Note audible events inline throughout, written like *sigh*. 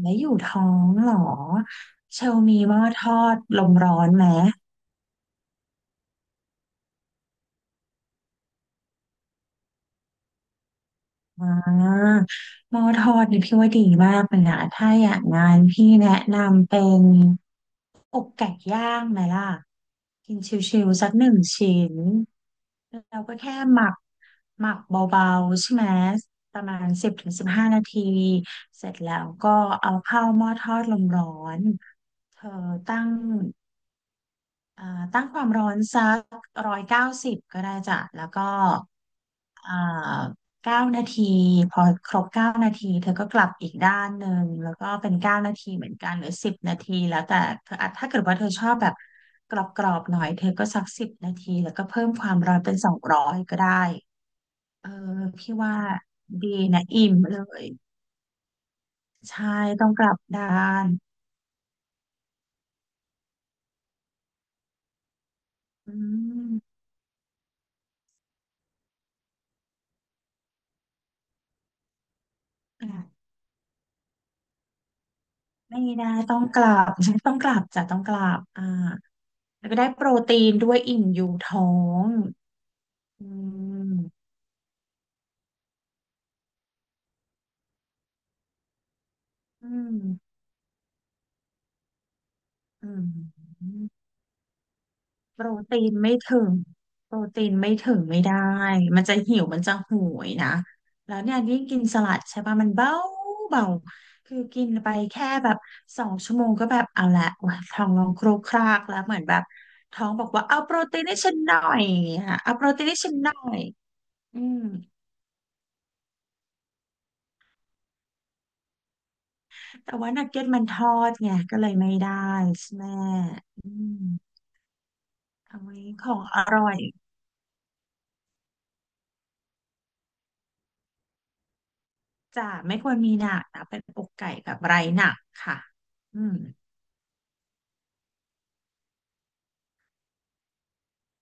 แล้อยู่ท้องเหรอเชลมีหม้อทอดลมร้อนไหมอ่าหม้อทอดนี่พี่ว่าดีมากเลยนะถ้าอยากงานพี่แนะนำเป็นอกไก่ย่างไหมล่ะกินชิวๆสักหนึ่งชิ้นเราก็แค่หมักเบาๆใช่ไหมประมาณ10-15 นาทีเสร็จแล้วก็เอาเข้าหม้อทอดลมร้อนเธอตั้ง อ่าตั้งความร้อนสัก190ก็ได้จ้ะแล้วก็อ่าเก้านาทีพอครบเก้านาทีเธอก็กลับอีกด้านหนึ่งแล้วก็เป็นเก้านาทีเหมือนกันหรือสิบนาทีแล้วแต่เธออาจถ้าเกิดว่าเธอชอบแบบกรอบๆหน่อยเธอก็สักสิบนาทีแล้วก็เพิ่มความร้อนเป็น200ก็ได้เออพี่ว่าดีนะอิ่มเลยใช่ต้องกลับด้านอืมอ่ะไม่ได้ต้องกลับ *laughs* ต้องกลับจะต้องกลับแล้วก็ได้โปรตีนด้วยอิ่มอยู่ท้องอืมอืมอืมโปรตีนไม่ถึงโปรตีนไม่ถึงไม่ได้ มันจะหิวมันจะโหยนะ แล้วเนี่ยยิ่งกินสลัดใช่ป่ะมันเบาเบาคือกินไปแค่แบบ2 ชั่วโมงก็แบบเอาละโอ้ยท้องร้องโครวกครากแล้วเหมือนแบบท้องบอกว่าเอาโปรตีนให้ฉันหน่อยอย่างเงี้ยเอาโปรตีนให้ฉันหน่อยอืม แต่ว่านักเก็ตมันทอดไงก็เลยไม่ได้ใช่ไหมอืมเอาไว้ของอร่อยจะไม่ควรมีหนักนะเป็นอกไก่แบบไร้หนักค่ะอืม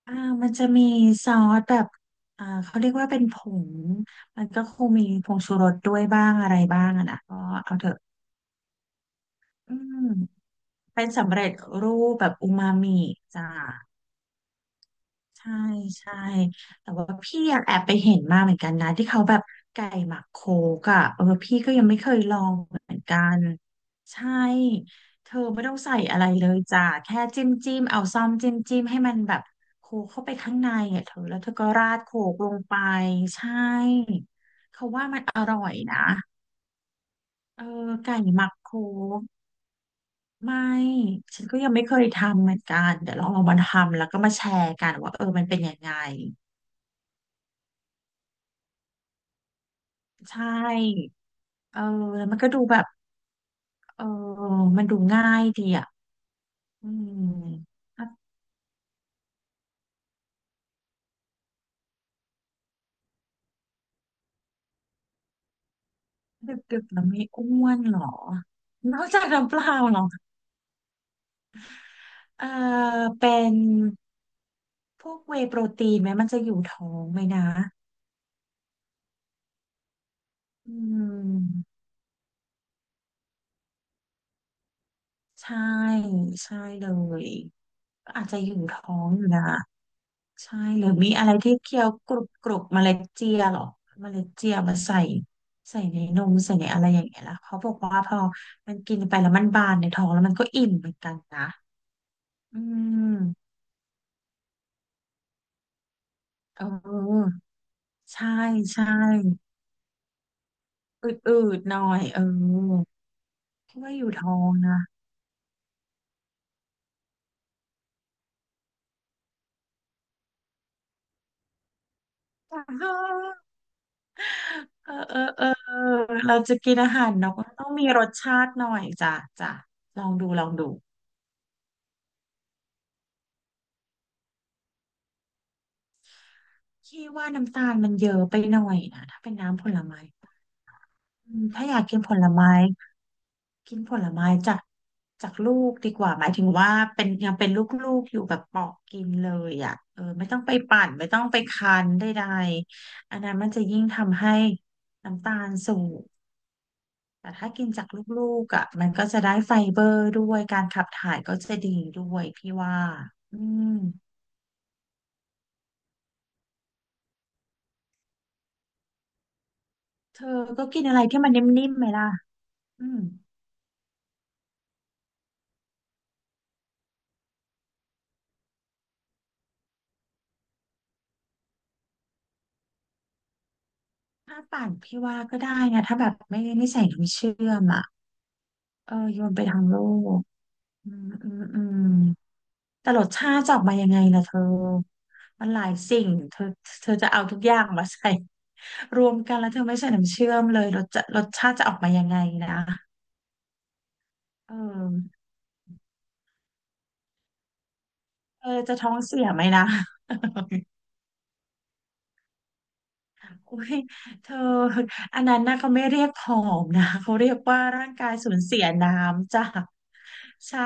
อ่ามันจะมีซอสแบบเขาเรียกว่าเป็นผง มันก็คงมีผงชูรสด้วยบ้างอะไรบ้างอะนะก็เอาเถอะอืมเป็นสำเร็จรูปแบบอูมามิจ้า ใช่ใช่แต่ว่าพี่อยากแอบไปเห็นมาเหมือนกันนะที่เขาแบบไก่หมักโคกอะเออพี่ก็ยังไม่เคยลองเหมือนกันใช่เธอไม่ต้องใส่อะไรเลยจ้ะแค่จิ้มจิ้มเอาซ่อมจิ้มจิ้มให้มันแบบโคกเข้าไปข้างในอ่ะเธอแล้วเธอก็ราดโคกลงไปใช่เขาว่ามันอร่อยนะเออไก่หมักโคกไม่ฉันก็ยังไม่เคยทำเหมือนกันเดี๋ยวลองมาทำแล้วก็มาแชร์กันว่าเออมันเป็นยังไง ใช่เออแล้วมันก็ดูแบบเออมันดูง่ายดีอ่ะอืมถ้าดึกๆแล้วไม่อ้วนเหรอ นอกจากน้ำเปล่าเหรอเออเป็นพวกเวย์โปรตีนไหมมันจะอยู่ท้องไหมนะอืมใช่ ใช่เลยอาจจะอยู่ท้องอยู่นะ ใช่หรือมีอะไรที่เคี้ยวกรุบกรุบเมล็ดเจียเหรอเมล็ดเจียมาใส่ใส่ในนมใส่ในอะไรอย่างเงี้ยละเขาบอกว่าพอมันกินไปแล้วมันบานในท้องแล้วมันก็อิ่มเหมือนกันนะอืมเออใช่ใช่อืดอืดหน่อยเออคิดว่าอยู่ท้องนะ *laughs* เออเออเออเออเราจะกินอาหารเนาะก็ต้องมีรสชาติหน่อยจ้ะจ้ะลองดูลองดูคิดว่าน้ำตาลมันเยอะไปหน่อยนะถ้าเป็นน้ำผลไม้ อืมถ้าอยากกินผลไม้กินผลไม้จากจากลูกดีกว่าหมายถึงว่าเป็นลูกๆอยู่แบบปอกกินเลยอ่ะเออไม่ต้องไปปั่นไม่ต้องไปคั้นใดๆอันนั้นมันจะยิ่งทำให้น้ำตาลสูงแต่ถ้ากินจากลูกๆอ่ะมันก็จะได้ไฟเบอร์ด้วยการขับถ่ายก็จะดีด้วยพี่ว่าอืมเธอก็กินอะไรที่มันนิ่มๆไหมล่ะอืมถ้าปั่นพี่ว่าก็ได้นะถ้าแบบไม่ใส่น้ำเชื่อมอ่ะเออโยนไปทางโลก อืมอืมอืมแต่รสชาติจะออกมายังไงล่ะเธอมันหลายสิ่งเธอเธอจะเอาทุกอย่างมาใส่รวมกันแล้วเธอไม่ใส่น้ำเชื่อมเลยรสชาติจะออกมายังไงนะเออเธอจะท้องเสียไหมนะ *laughs* อุ้ยเธออันนั้นนะเขาไม่เรียกผอมนะเขาเรียกว่าร่างกายสูญเสียน้ำจ้ะใช่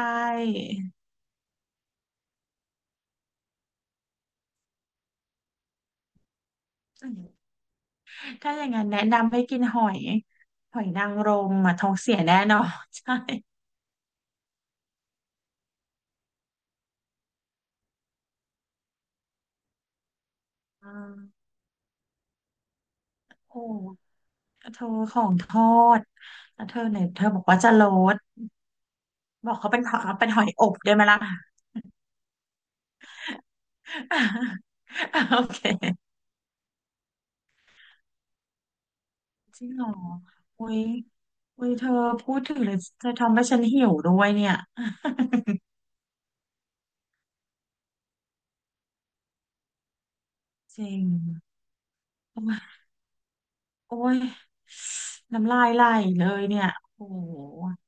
ถ้าอย่างนั้นแนะนำให้กินหอยหอยนางรมอ่ะท้องเสียแน่นอน *laughs* ใช่อ่า โอ้เธอของทอดแล้วเธอเนี่ยเธอบอกว่าจะโลดบอกเขาเป็นหอยอบได้ไหมล่ะ *laughs* โอเคจริงเหรออุ้ยอุ้ยเธอพูดถึงเลยเธอทำให้ฉันหิวด้วยเนี่ยจริงโอ้ยโอ้ยน้ำลายไหลเลยเนี่ยโอ้โห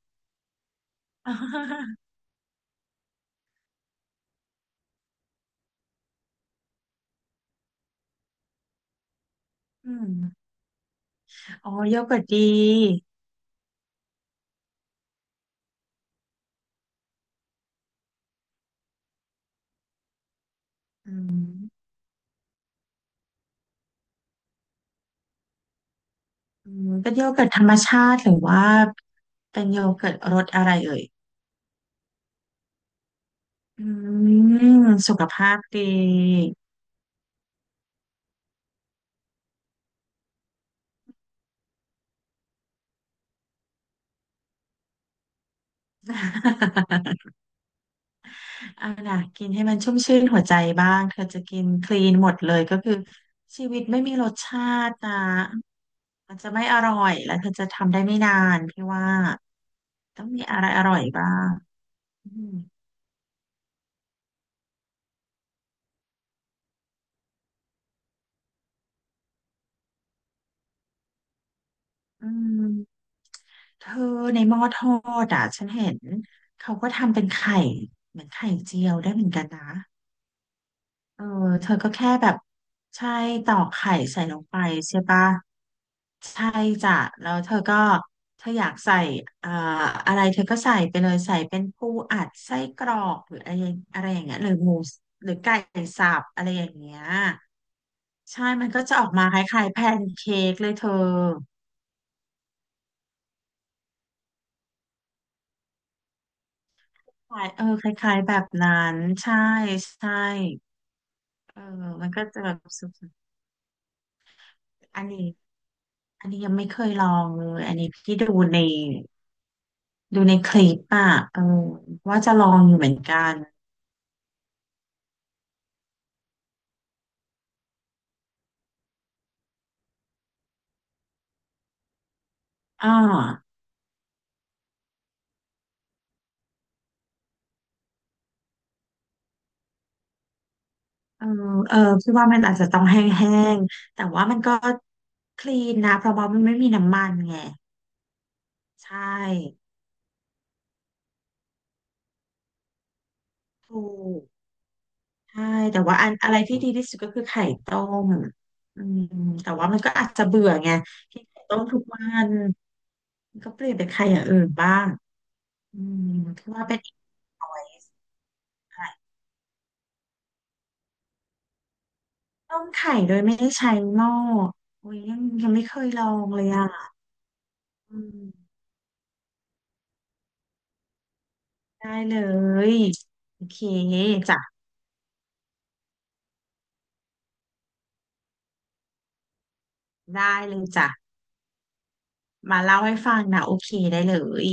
อืมอ๋อโยเกิร์ตดีอืมอืมเป็นโยเกิร์ตธรรมชาติหรือว่าเป็นโยเกิร์ตรสอะไรเอ่ย อืมสุขภาพดี *laughs* อาล่ะนะกินให้มันชุ่มชื่นหัวใจบ้างเธอจะกินคลีนหมดเลยก็คือชีวิตไม่มีรสชาตินะมันจะไม่อร่อยแล้วเธอจะทำได้ไม่นานพี่ว่าต้องมีอะไรอร่อยบ้างอืมอืมเธอในหม้อทอดอ่ะฉันเห็นเขาก็ทำเป็นไข่เหมือนไข่เจียวได้เหมือนกันนะ เออเธอก็แค่แบบใช่ตอกไข่ใส่ลงไปใช่ปะใช่จ้ะแล้วเธอก็เธออยากใส่เอ่ออะไรเธอก็ใส่ไปเลยใส่เป็นปูอัดไส้กรอกหรืออะไรอะไรอย่างเงี้ยหรือหมูหรือไก่สับอะไรอย่างเงี้ยใช่มันก็จะออกมาคล้ายๆแพนเค้กเลยเธอคล้ายเออคล้ายๆแบบนั้นใช่ใช่เออมันก็จะแบบสุดๆอันนี้ยังไม่เคยลองเลยอันนี้พี่ดูใน คลิปอ่ะเออว่าจะลองอยู่เหมือนกันอ่าเออเออพี่ว่ามันอาจจะต้องแห้งๆแต่ว่ามันก็คลีนนะเพราะว่ามันไม่มีน้ำมันไงใช่ถูกใช่แต่ว่าอะไรที่ดีที่สุดก็คือไข่ต้มอืมแต่ว่ามันก็อาจจะเบื่อไงกินไข่ต้มทุกวันมันก็เปลี่ยนเป็นไข่อย่างอื่นบ้างอืมคี่ว่าเป็นอีก choice อะไข่ต้มโดยไม่ได้ใช้หม้อโอ้ยยังไม่เคยลองเลยอ่ะ อืมได้เลยโอเคจ้ะได้เลยจ้ะมาเล่าให้ฟังนะโอเคได้เลย